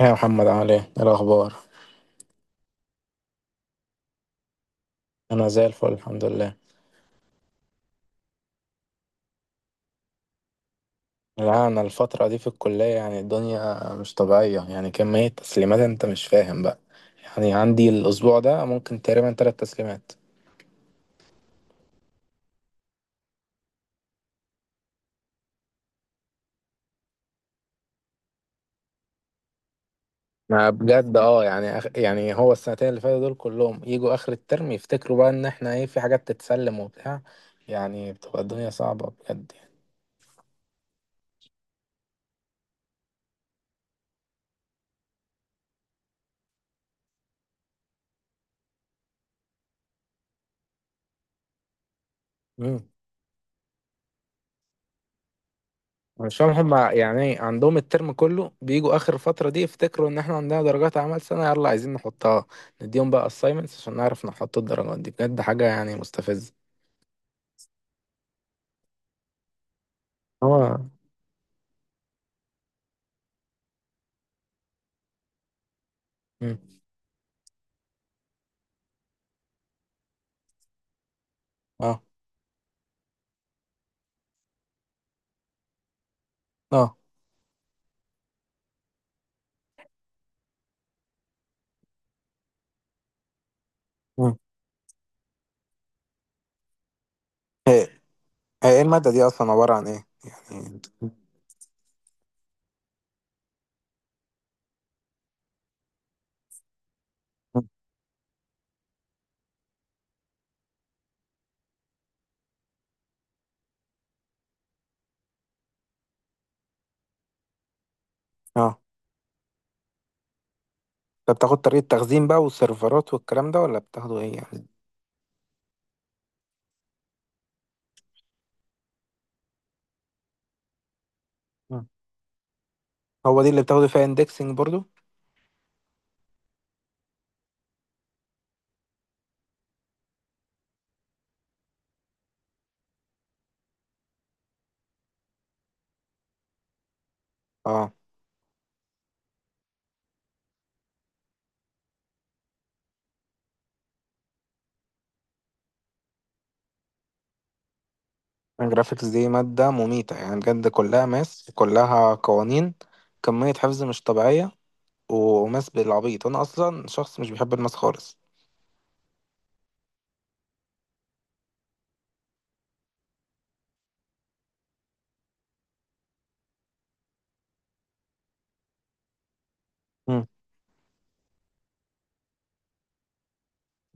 يا محمد عامل ايه؟ إيه الأخبار؟ أنا زي الفل الحمد لله. لا أنا الفترة دي في الكلية يعني الدنيا مش طبيعية، يعني كمية تسليمات أنت مش فاهم بقى. يعني عندي الأسبوع ده ممكن تقريبا 3 تسليمات. ما بجد يعني يعني هو السنتين اللي فاتوا دول كلهم يجوا آخر الترم يفتكروا بقى إن احنا ايه في حاجات تتسلم وبتاع. يعني بتبقى الدنيا صعبة بجد يعني. مم. عشان هما يعني عندهم الترم كله بيجوا اخر الفتره دي يفتكروا ان احنا عندنا درجات اعمال سنه يلا عايزين نحطها نديهم بقى assignments عشان نعرف نحط الدرجات دي. بجد حاجه يعني مستفزه. هو مم. اه اه مم. هي هي ايه الماده دي اصلا عباره عن ايه يعني مم. اه انت بتاخد طريقه تخزين بقى والسيرفرات والكلام ده ولا بتاخده ايه يعني. مم. هو دي اللي بتاخده فيها اندكسنج برضو. اه الجرافيكس دي ماده مميته يعني بجد، كلها ماس كلها قوانين، كميه حفظ مش طبيعيه. وماس بالعبيط، انا اصلا شخص مش بيحب الماس خالص. مم.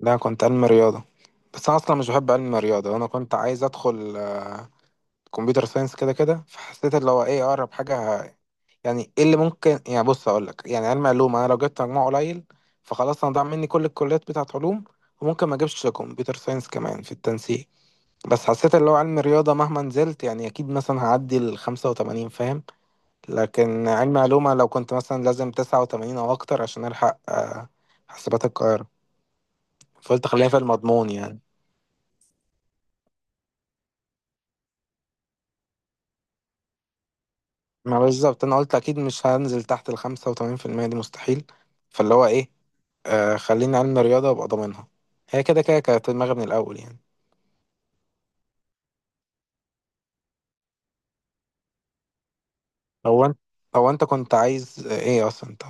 لا كنت علم رياضه. بس انا اصلا مش بحب علم الرياضه، انا كنت عايز ادخل كمبيوتر ساينس كده كده. فحسيت اللي هو ايه اقرب حاجه يعني ايه اللي ممكن. يعني بص اقول لك، يعني علم علوم انا لو جبت مجموع قليل فخلاص انا ضاع مني كل الكليات بتاعت علوم، وممكن ما اجيبش كمبيوتر ساينس كمان في التنسيق. بس حسيت اللي هو علم الرياضه مهما نزلت يعني اكيد مثلا هعدي ال 85 فاهم. لكن علم علومة لو كنت مثلا لازم 89 أو أكتر عشان ألحق حاسبات القاهرة. فقلت خلينا في المضمون يعني. ما بالظبط، أنا قلت أكيد مش هنزل تحت 85% دي مستحيل. فاللي هو إيه، آه خليني علم رياضة وأبقى ضامنها. هي كده كده كانت في دماغي من الأول يعني. هو أنت هو أنت كنت عايز إيه أصلا أنت؟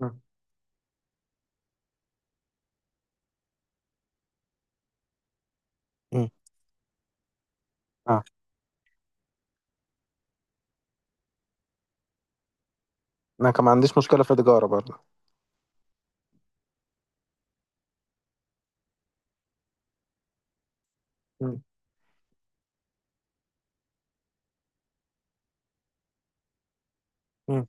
مم. مم. آه. أنا كان ما عنديش مشكلة في التجارة برضه. مم. مم.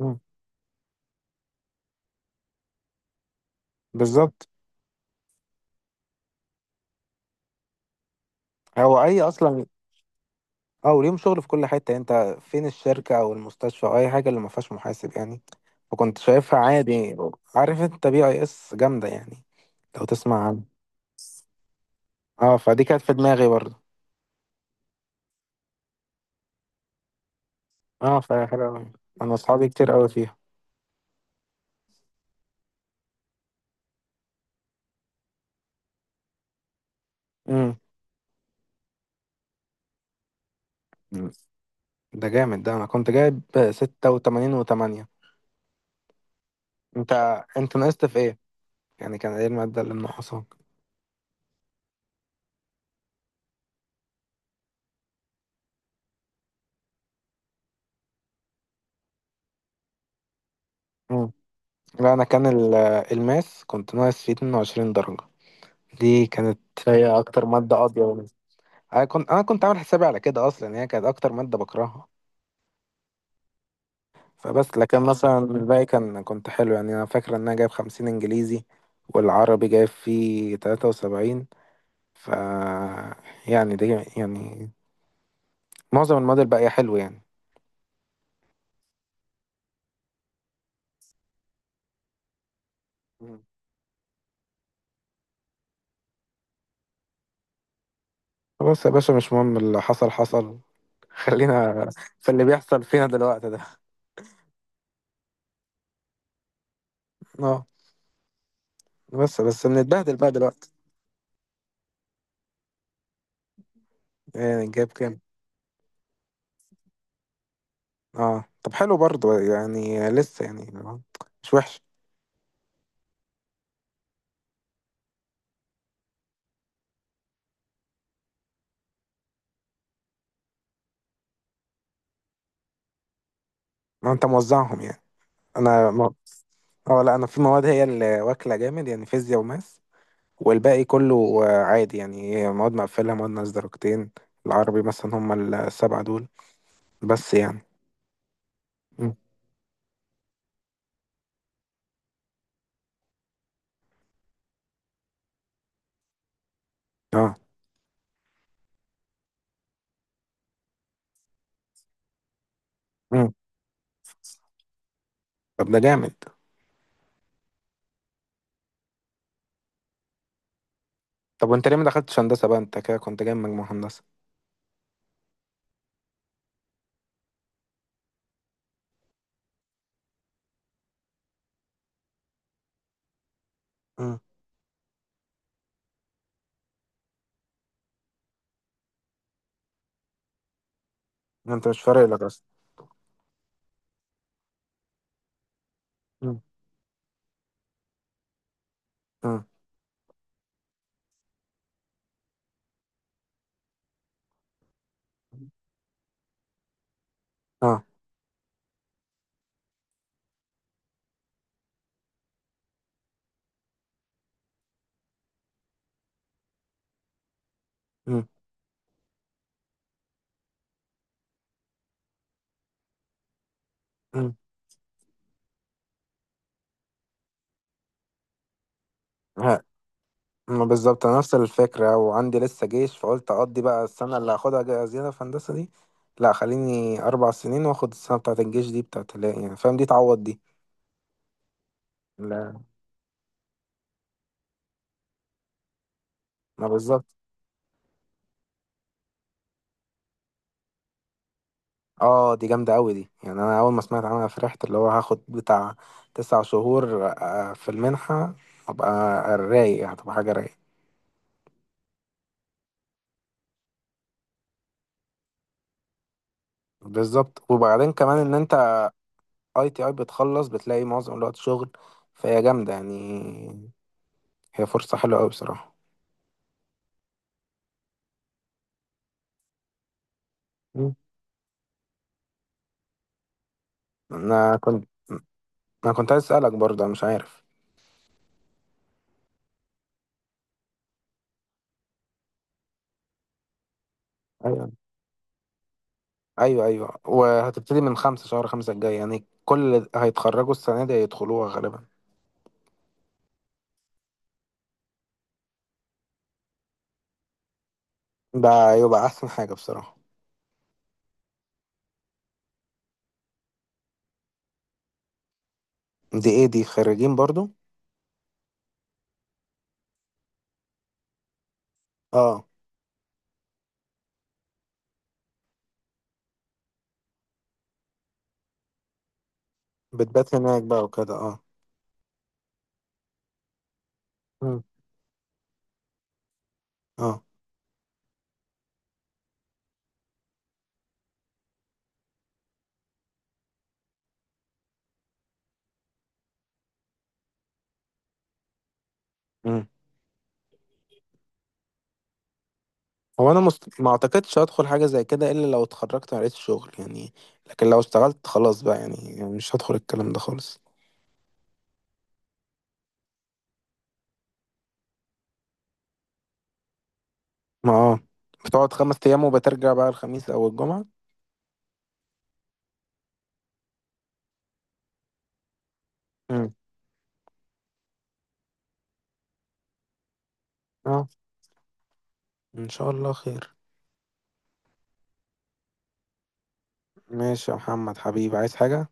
مم. بالظبط. هو أي أصلا. اه وليهم شغل في كل حتة، انت فين الشركة او المستشفى او اي حاجة اللي ما فيهاش محاسب يعني. فكنت شايفها عادي. عارف انت بي اي اس جامدة يعني. لو تسمع عنها. اه فدي كانت في دماغي برضه. اه فهي حلوة اوي. انا اصحابي كتير قوي فيها. امم. ده جامد. ده انا كنت جايب 86.8. انت انت ناقصت في ايه؟ يعني كان ايه المادة اللي ناقصاك؟ مم. لا انا كان الماس كنت ناقص فيه 22 درجة. دي كانت هي اكتر مادة قاضية. انا كنت عامل حسابي على كده اصلا، يعني هي كانت اكتر ماده بكرهها. فبس لكن مثلا الباقي كان كنت حلو يعني، انا فاكر ان انا جايب 50 انجليزي والعربي جايب فيه 73. ف يعني دي يعني معظم المواد الباقيه حلو يعني. مم. خلاص يا باشا، مش مهم اللي حصل حصل. خلينا في اللي بيحصل فينا دلوقتي ده. اه بس بنتبهدل بقى دلوقتي. يعني جايب كام؟ اه طب حلو برضو، يعني لسه يعني مش وحش. ما انت موزعهم يعني. انا اه لا انا في مواد هي اللي واكله جامد يعني فيزياء وماس، والباقي كله عادي يعني. هي مواد مقفله مواد ناقص درجتين. العربي مثلا هم السبعه دول بس يعني. مم. اه مم. طب ده جامد. طب وانت ليه ما دخلتش هندسه بقى؟ انت كده كنت جايب مجموع هندسه. مم. انت مش فارق لك اصلا. مم. مم. اه مم. مم. ما بالظبط، أنا نفس الفكرة وعندي لسه جيش، فقلت أقضي بقى السنة اللي هاخدها زيادة في هندسة دي. لا خليني 4 سنين وآخد السنة بتاعة الجيش دي بتاعة يعني فاهم، دي تعوض دي. لا ما بالظبط. اه دي جامدة أوي دي، يعني أنا أول ما سمعت عنها فرحت اللي هو هاخد بتاع 9 شهور في المنحة. هبقى رايق يعني، هتبقى حاجة رايقة. بالظبط. وبعدين كمان إن أنت أي تي أي بتخلص بتلاقي معظم الوقت شغل، فهي جامدة يعني. هي فرصة حلوة أوي بصراحة. مم. أنا كنت عايز اسالك برضه انا مش عارف. ايوه ايوه ايوه، وهتبتدي من خمسة شهر خمسة الجاي يعني. كل اللي هيتخرجوا السنة دي هيدخلوها غالبا. ده يبقى احسن حاجة بصراحة. دي ايه؟ دي خريجين برضو؟ اه بتبات هناك بقى وكده اه. مم. اه مم. هو انا ما اعتقدش هدخل حاجة زي كده الا لو اتخرجت ما لقيتش شغل يعني. لكن لو اشتغلت خلاص بقى يعني، يعني مش هدخل الكلام ده خالص. ما اه بتقعد 5 ايام وبترجع بقى الخميس او الجمعة. مم. اه ان شاء الله خير. ماشي يا محمد حبيبي، عايز حاجة؟